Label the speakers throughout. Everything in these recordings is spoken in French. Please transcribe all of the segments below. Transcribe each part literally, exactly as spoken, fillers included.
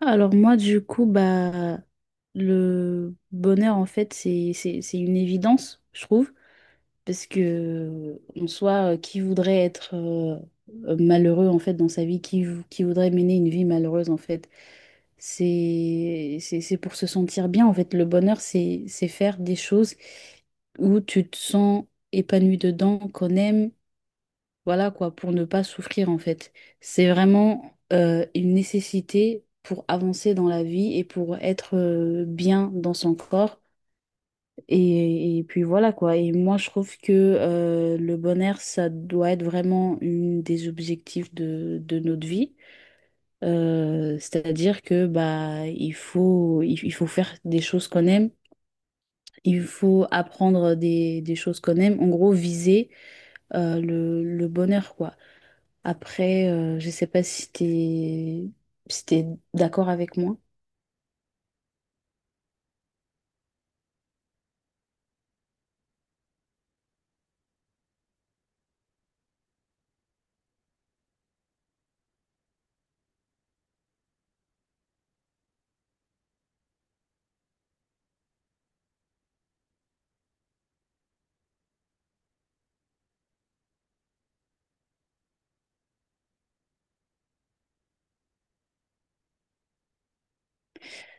Speaker 1: Alors moi, du coup, bah, le bonheur, en fait, c'est, c'est, c'est une évidence, je trouve, parce que, en soi, euh, qui voudrait être euh, euh, malheureux, en fait, dans sa vie, qui, vou- qui voudrait mener une vie malheureuse, en fait, c'est, c'est, c'est pour se sentir bien, en fait. Le bonheur, c'est, c'est faire des choses où tu te sens épanoui dedans, qu'on aime. Voilà quoi, pour ne pas souffrir en fait. C'est vraiment euh, une nécessité pour avancer dans la vie et pour être euh, bien dans son corps. Et, et puis voilà quoi. Et moi je trouve que euh, le bonheur, ça doit être vraiment une des objectifs de, de notre vie. Euh, c'est-à-dire que bah il faut, il, il faut faire des choses qu'on aime. Il faut apprendre des, des choses qu'on aime. En gros, viser euh, le, le bonheur, quoi. Après, euh, je sais pas si t'es si t'es d'accord avec moi.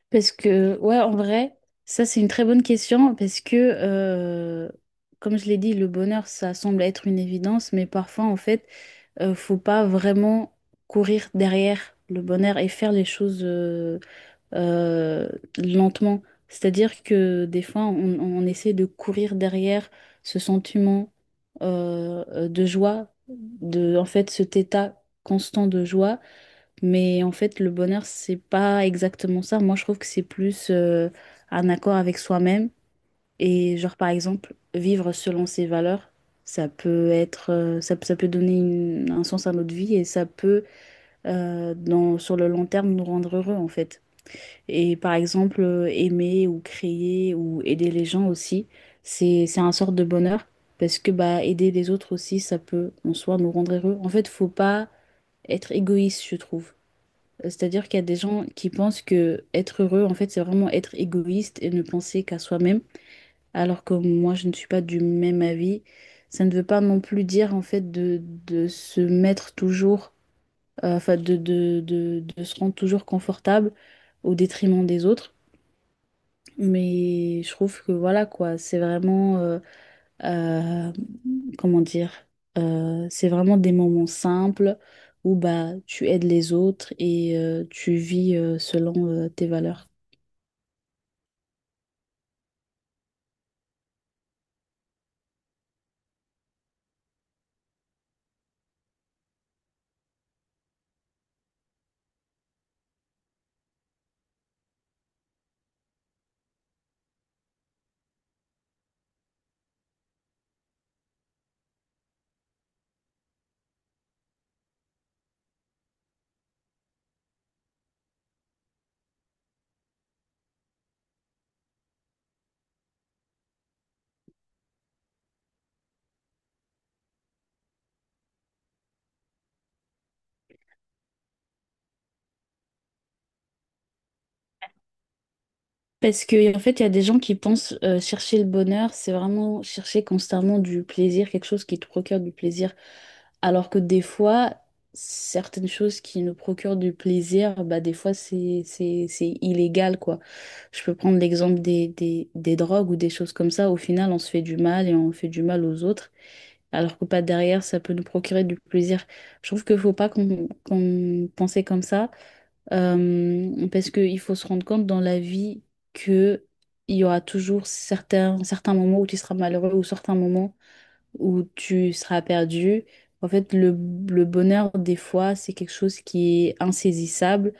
Speaker 1: Parce que, ouais, en vrai, ça c'est une très bonne question parce que, euh, comme je l'ai dit, le bonheur, ça semble être une évidence, mais parfois, en fait, euh, faut pas vraiment courir derrière le bonheur et faire les choses, euh, euh, lentement. C'est-à-dire que des fois, on, on essaie de courir derrière ce sentiment euh, euh, de joie, de, en fait, cet état constant de joie. Mais en fait, le bonheur, c'est pas exactement ça. Moi, je trouve que c'est plus euh, un accord avec soi-même. Et genre, par exemple, vivre selon ses valeurs. Ça peut être, euh, ça, ça peut donner une- un sens à notre vie et ça peut, euh, dans, sur le long terme, nous rendre heureux en fait. Et par exemple, euh, aimer ou créer ou aider les gens aussi, c'est c'est un sort de bonheur parce que bah aider les autres aussi, ça peut en soi nous rendre heureux. En fait, faut pas être égoïste, je trouve. Euh, C'est-à-dire qu'il y a des gens qui pensent que être heureux, en fait, c'est vraiment être égoïste et ne penser qu'à soi-même, alors que moi, je ne suis pas du même avis. Ça ne veut pas non plus dire, en fait, de, de se mettre toujours, euh, enfin, de, de, de de se rendre toujours confortable au détriment des autres. Mais je trouve que voilà quoi, c'est vraiment, euh, euh, comment dire, euh, c'est vraiment des moments simples où bah tu aides les autres et euh, tu vis euh, selon euh, tes valeurs. Parce que, en fait, il y a des gens qui pensent euh, chercher le bonheur, c'est vraiment chercher constamment du plaisir, quelque chose qui te procure du plaisir. Alors que des fois, certaines choses qui nous procurent du plaisir, bah, des fois, c'est, c'est, c'est illégal, quoi. Je peux prendre l'exemple des, des, des drogues ou des choses comme ça. Au final, on se fait du mal et on fait du mal aux autres. Alors que pas derrière, ça peut nous procurer du plaisir. Je trouve qu'il faut pas qu'on qu'on pensait comme ça. Euh, parce qu'il faut se rendre compte dans la vie que il y aura toujours certains, certains moments où tu seras malheureux ou certains moments où tu seras perdu. En fait, le, le bonheur, des fois, c'est quelque chose qui est insaisissable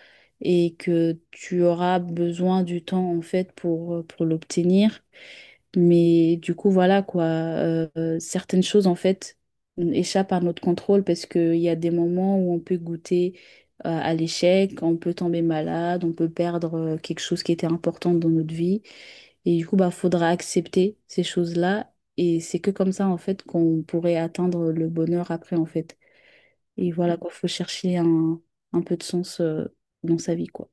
Speaker 1: et que tu auras besoin du temps, en fait, pour, pour l'obtenir. Mais du coup, voilà quoi, euh, euh, certaines choses en fait échappent à notre contrôle parce qu'il y a des moments où on peut goûter euh, à l'échec, on peut tomber malade, on peut perdre euh, quelque chose qui était important dans notre vie. Et du coup, bah, faudra accepter ces choses-là. Et c'est que comme ça en fait qu'on pourrait atteindre le bonheur après en fait. Et voilà quoi, faut chercher un, un peu de sens euh, dans sa vie quoi.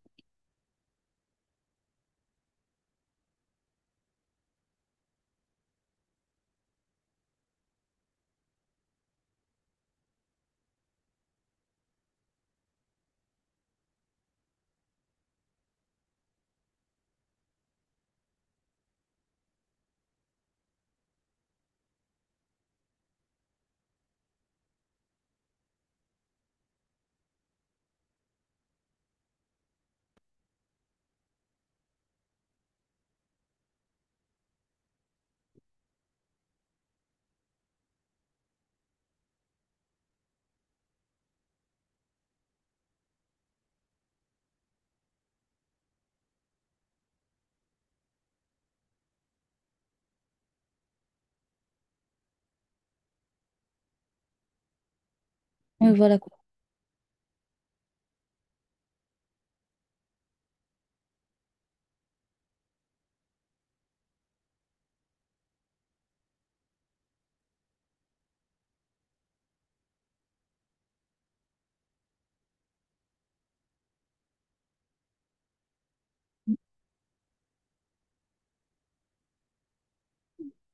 Speaker 1: Ouais, voilà quoi.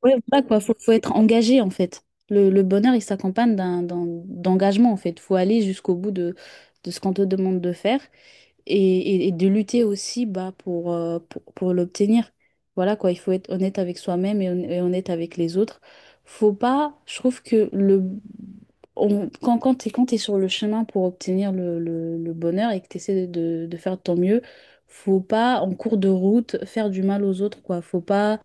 Speaker 1: Ouais, voilà quoi, faut, faut être engagé en fait. Le, le bonheur, il s'accompagne d'un, d'un- d'engagement en fait. Faut aller jusqu'au bout de, de ce qu'on te demande de faire et, et- et de lutter aussi bah, pour, euh, pour, pour l'obtenir. Voilà quoi, il faut être honnête avec soi-même et, hon- et honnête avec les autres. Faut pas, je trouve que le, on- quand, quand t'es, quand t'es sur le chemin pour obtenir le, le- le bonheur et que t'essaies de, de faire de ton mieux, faut pas, en cours de route, faire du mal aux autres, quoi. Faut pas,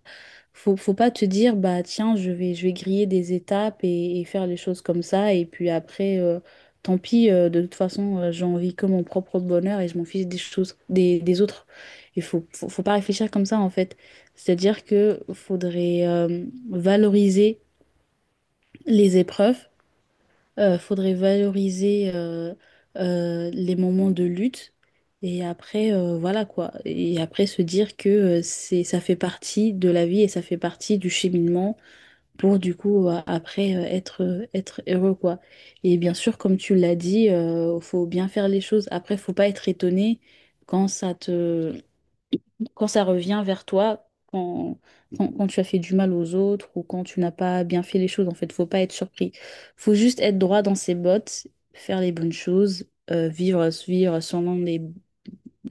Speaker 1: faut, faut pas te dire, bah, tiens, je vais, je vais griller des étapes et, et faire les choses comme ça. Et puis après, euh, tant pis, euh, de toute façon, euh, j'ai envie que mon propre bonheur et je m'en fiche des choses, des, des autres. Il faut, faut, faut pas réfléchir comme ça, en fait. C'est-à-dire que faudrait, euh, valoriser les épreuves euh, faudrait valoriser euh, euh, les moments de lutte et après euh, voilà quoi. Et après se dire que euh, c'est ça fait partie de la vie et ça fait partie du cheminement pour du coup euh, après euh, être euh, être heureux quoi. Et bien sûr comme tu l'as dit, euh, faut bien faire les choses. Après faut pas être étonné quand ça te quand ça revient vers toi, quand, quand, quand tu as fait du mal aux autres ou quand tu n'as pas bien fait les choses, en fait, faut pas être surpris. Faut juste être droit dans ses bottes, faire les bonnes choses, euh, vivre, vivre selon les,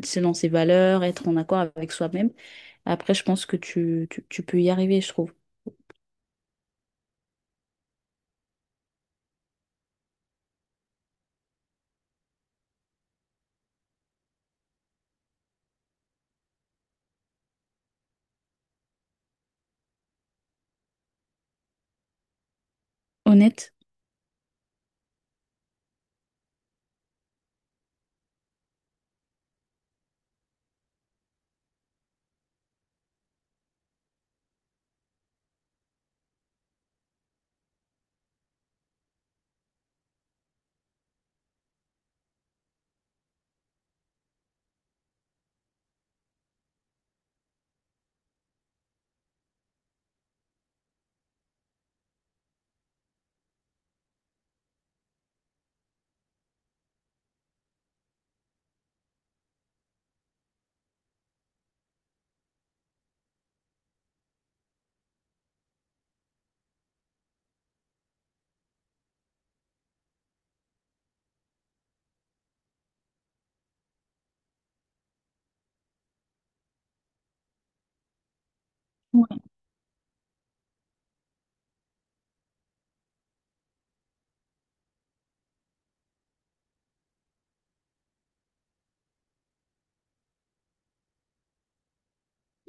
Speaker 1: selon ses valeurs, être en accord avec soi-même. Après, je pense que tu, tu, tu peux y arriver, je trouve. Honnête.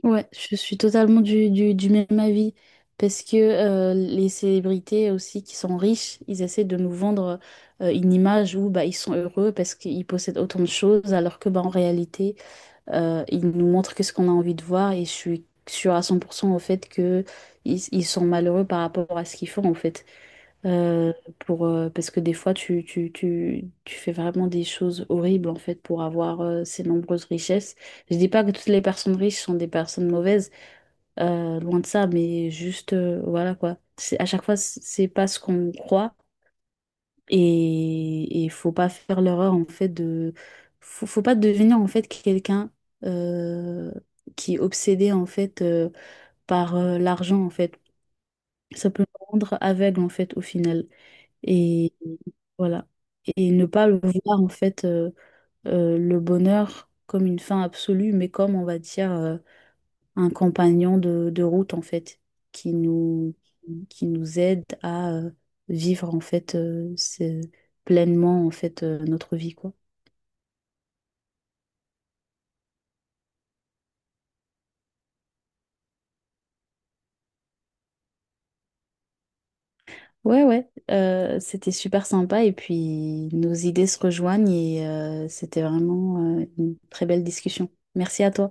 Speaker 1: Ouais, je suis totalement du, du, du même avis parce que euh, les célébrités aussi qui sont riches, ils essaient de nous vendre euh, une image où bah, ils sont heureux parce qu'ils possèdent autant de choses alors que bah, en réalité, euh, ils nous montrent que ce qu'on a envie de voir et je suis sûre à cent pour cent au fait que ils, ils sont malheureux par rapport à ce qu'ils font en fait. Euh, pour, euh, parce que des fois, tu, tu, tu, tu fais vraiment des choses horribles en fait pour avoir euh, ces nombreuses richesses. Je dis pas que toutes les personnes riches sont des personnes mauvaises, euh, loin de ça, mais juste euh, voilà quoi. C'est, à chaque fois, c'est c'est pas ce qu'on croit et il faut pas faire l'erreur en fait de faut, faut pas devenir en fait quelqu'un euh, qui est obsédé en fait euh, par euh, l'argent en fait. Ça peut le rendre aveugle en fait au final. Et voilà. Et ne pas le voir en fait euh, euh, le bonheur comme une fin absolue, mais comme on va dire euh, un compagnon de, de route en fait qui nous qui nous aide à euh, vivre en fait euh, ce- pleinement en fait euh, notre vie quoi. Ouais ouais, euh, c'était super sympa et puis nos idées se rejoignent et euh, c'était vraiment euh, une très belle discussion. Merci à toi.